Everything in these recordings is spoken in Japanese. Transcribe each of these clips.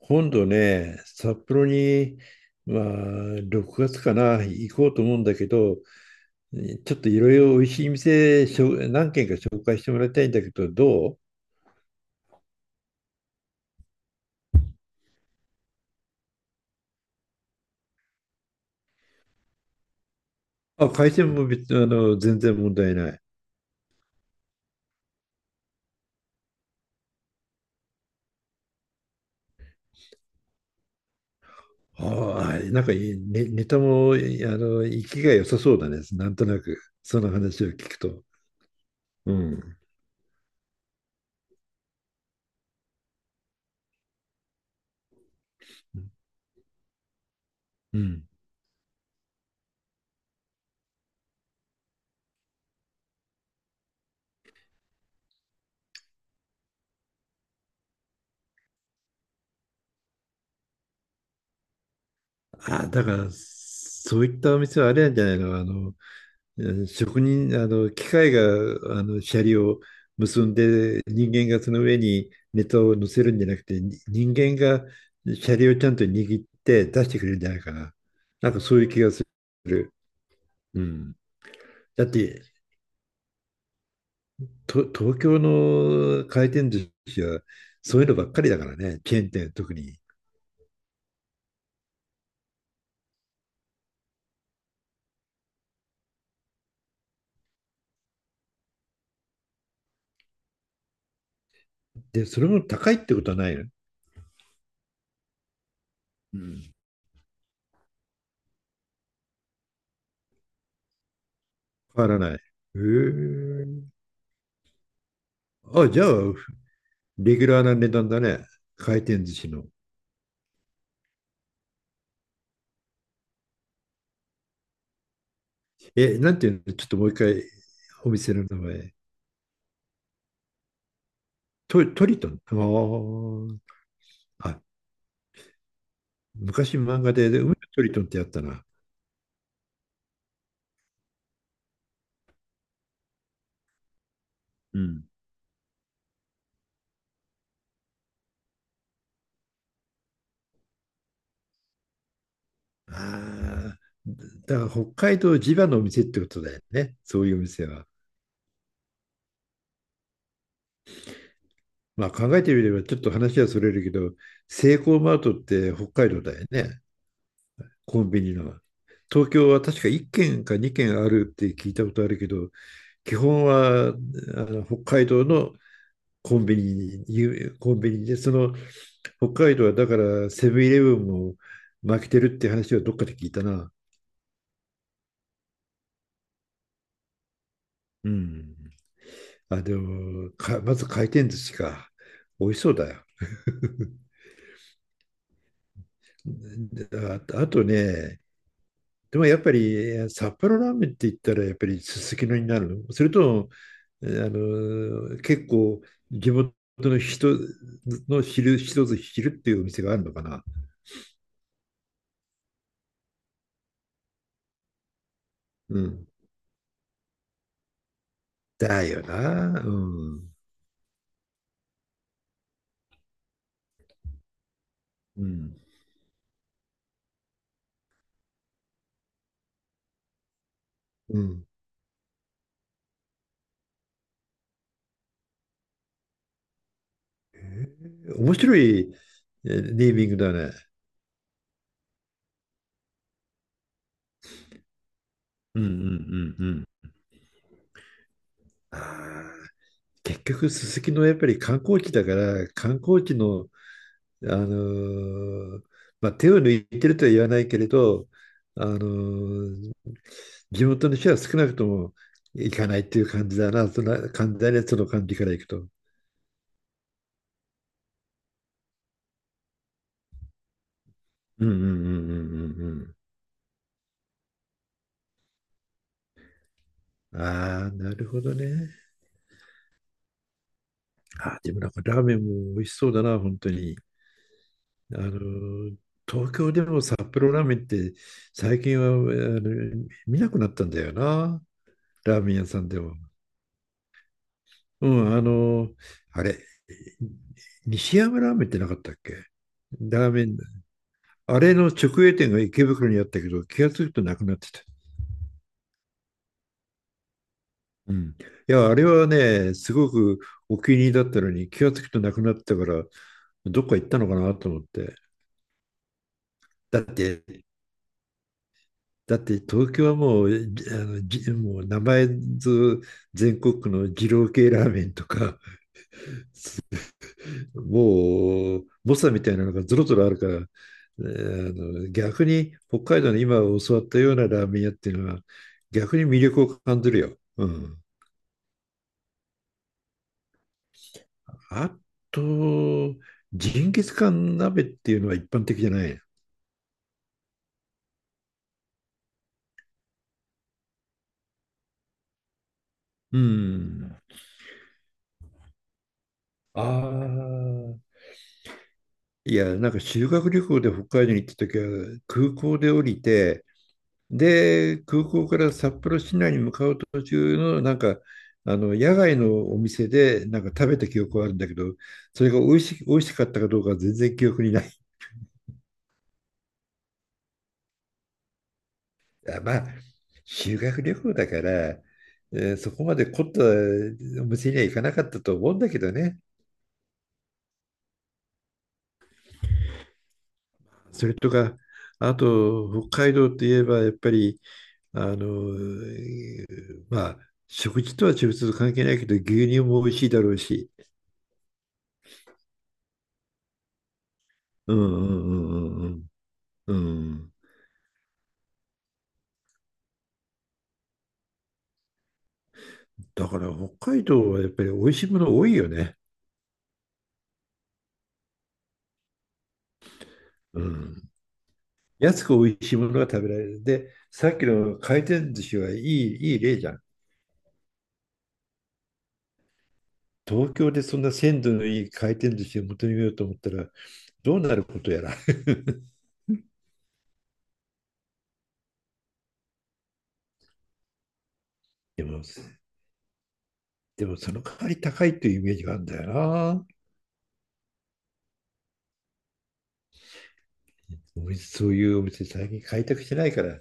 今度ね、札幌に、まあ、6月かな、行こうと思うんだけど、ちょっといろいろおいしい店、しょ何軒か紹介してもらいたいんだけど、どう？あ、海鮮も別、全然問題ない。ああ、なんかいい、ね、ネタも、生きが良さそうだね。なんとなく、その話を聞くと。うん。うん。あ、だから、そういったお店はあれなんじゃないの？職人、機械が、シャリを結んで、人間がその上にネタを乗せるんじゃなくて、に人間がシャリをちゃんと握って出してくれるんじゃないかな。なんかそういう気がする。うん。だって、と、東京の回転寿司は、そういうのばっかりだからね、チェーン店特に。で、それも高いってことはないの？うん。変わらない。へえ。あ、じゃあ、レギュラーな値段だね。回転寿司の。え、なんていうの、ちょっともう一回、お店の名前。ト、トリトン。あー、あ、昔漫画で、で海のトリトンってやったな。うん。ああ、だから北海道地場のお店ってことだよね、そういうお店は。考えてみればちょっと話はそれるけど、セイコーマートって北海道だよね、コンビニの。東京は確か1軒か2軒あるって聞いたことあるけど、基本はあの北海道のコンビニに、コンビニで、その北海道はだからセブンイレブンも負けてるって話をどっかで聞いたな。うん。あ、でも、か、まず回転寿司か。美味しそうだよ。あ、あとね、でもやっぱり札幌ラーメンって言ったらやっぱりすすきのになるの、それとも、結構地元の人の昼、一つ昼っていうお店があるのかな。うん。だよな。うん。うん。うん。面白いネーミングだね。うんうんうんうん。ああ、結局、すすきのやっぱり観光地だから、観光地の、あのーまあ、手を抜いてるとは言わないけれど、あのー地元の人は少なくとも行かないっていう感じだな、そんな簡単なその感じからいくと。うんうんうんうんうんうん。ああ、なるほどね。ああでもなんかラーメンも美味しそうだな、本当に。あの、東京でも札幌ラーメンって最近はあの見なくなったんだよな、ラーメン屋さんでも。うん、あの、あれ、西山ラーメンってなかったっけ？ラーメン、あれの直営店が池袋にあったけど、気がつくとなくなってた。うん。いや、あれはね、すごくお気に入りだったのに、気がつくとなくなったから、どっか行ったのかなと思って。だって、だって東京はもう、じもう名前ず全国区の二郎系ラーメンとか、もう、猛者みたいなのがぞろぞろあるから、えー逆に北海道の今教わったようなラーメン屋っていうのは、逆に魅力を感じるよ。うん。あと、ジンギスカン鍋っていうのは一般的じゃない？うん。ああ。いや、なんか修学旅行で北海道に行った時は、空港で降りて、で、空港から札幌市内に向かう途中の、なんか、野外のお店で、なんか食べた記憶はあるんだけど、それが美味し、美味しかったかどうかは全然記憶にない。あ、まあ、修学旅行だから、そこまで凝ったお店には行かなかったと思うんだけどね。それとか、あと、北海道といえば、やっぱり、あの、えーまあ、食事とは直接関係ないけど、牛乳も美味しいだろうし。うんうんうんうんうん。うん。だから北海道はやっぱり美味しいもの多いよね。うん。安く美味しいものが食べられる。で、さっきの回転寿司はいい、いい例じゃん。東京でそんな鮮度のいい回転寿司を求めようと思ったらどうなることやら。でも、でもその代わり高いというイメージがあるんだよな。お店そういうお店最近開拓してないから。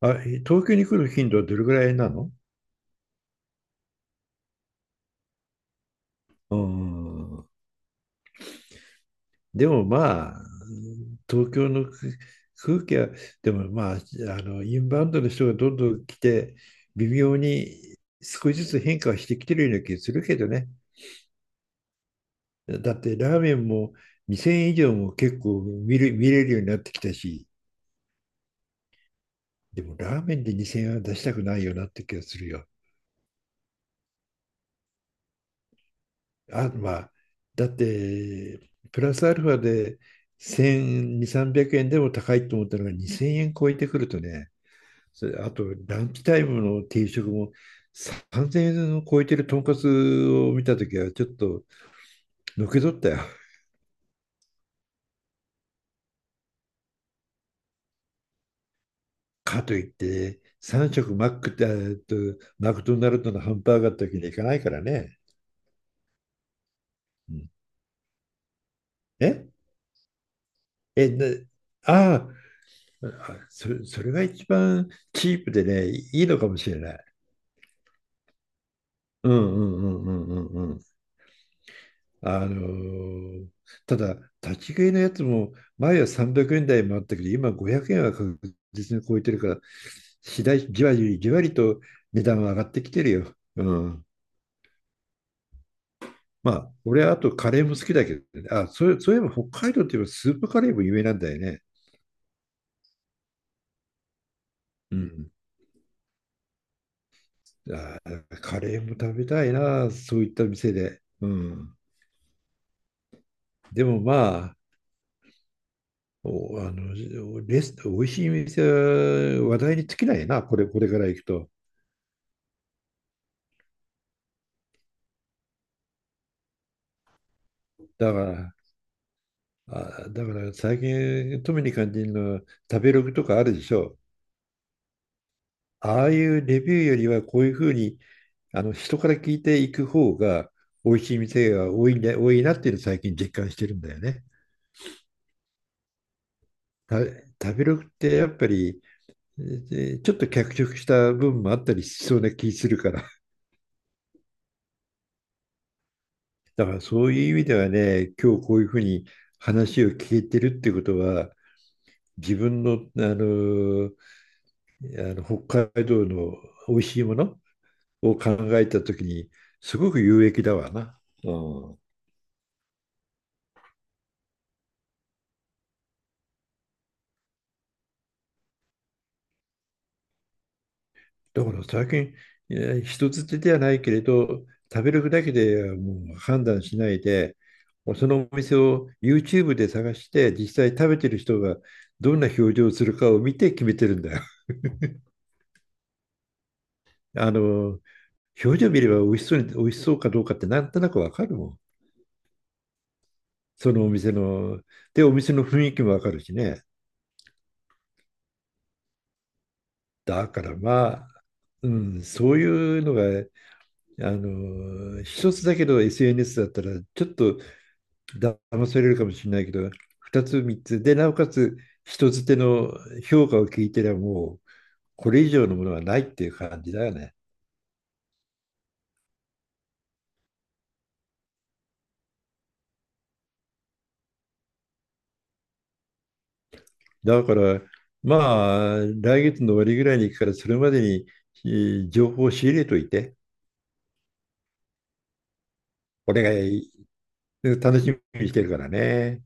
あ、東京に来る頻度はどれぐらいなの？うん。でもまあ、東京の空空気は、でもまあ、インバウンドの人がどんどん来て、微妙に少しずつ変化はしてきてるような気がするけどね。だってラーメンも2000円以上も結構見る、見れるようになってきたし、でもラーメンで2000円は出したくないよなって気がするよ。あ、まあ、だって、プラスアルファで1200、300円でも高いと思ったのが2000円超えてくるとね、それあと、ランチタイムの定食も3000円を超えてるとんかつを見たときは、ちょっとのけ取ったよ。かといって、3食マックって、マクドナルドのハンバーガーだけにはいかないからね。うん、ええ、なあ、あ、それ、それが一番チープでね、いいのかもしれない。うんうんうんうんうんうん。あのーただ、立ち食いのやつも前は300円台もあったけど、今500円は確実に超えてるから、次第、じわりじわりと値段は上がってきてるよ。うん。まあ、俺はあとカレーも好きだけどね。あ、そうそういえば北海道といえばスープカレーも有名なんだよね。うん。あー、カレーも食べたいな、そういった店で。うん。でもまあ、お、あの、レス、美味しい店は話題に尽きないな、これ、これから行くと。だから、あ、だから最近特に感じるのは食べログとかあるでしょ。ああいうレビューよりはこういうふうにあの人から聞いていく方が美味しい店が多いんだ、多いなっていうのを最近実感してるんだよね。た食べログってやっぱりえちょっと脚色した部分もあったりしそうな気するから。だからそういう意味ではね、今日こういうふうに話を聞いてるってことは自分の、北海道の美味しいものを考えたときに、すごく有益だわな。うん。だから最近、人づてではないけれど、食べるだけでもう判断しないで、そのお店を YouTube で探して、実際食べてる人がどんな表情をするかを見て決めてるんだよ。あの、表情見れば美味しそうに、美味しそうかどうかってなんとなくわかるもん。そのお店の、で、お店の雰囲気もわかるしね。だからまあ、うん、そういうのがあの一つだけど SNS だったら、ちょっと騙されるかもしれないけど、二つ、三つで、なおかつ、人づての評価を聞いてりゃもう、これ以上のものはないっていう感じだよね。だから、まあ、来月の終わりぐらいに行くから、それまでにえ情報を仕入れといて、俺が楽しみにしてるからね。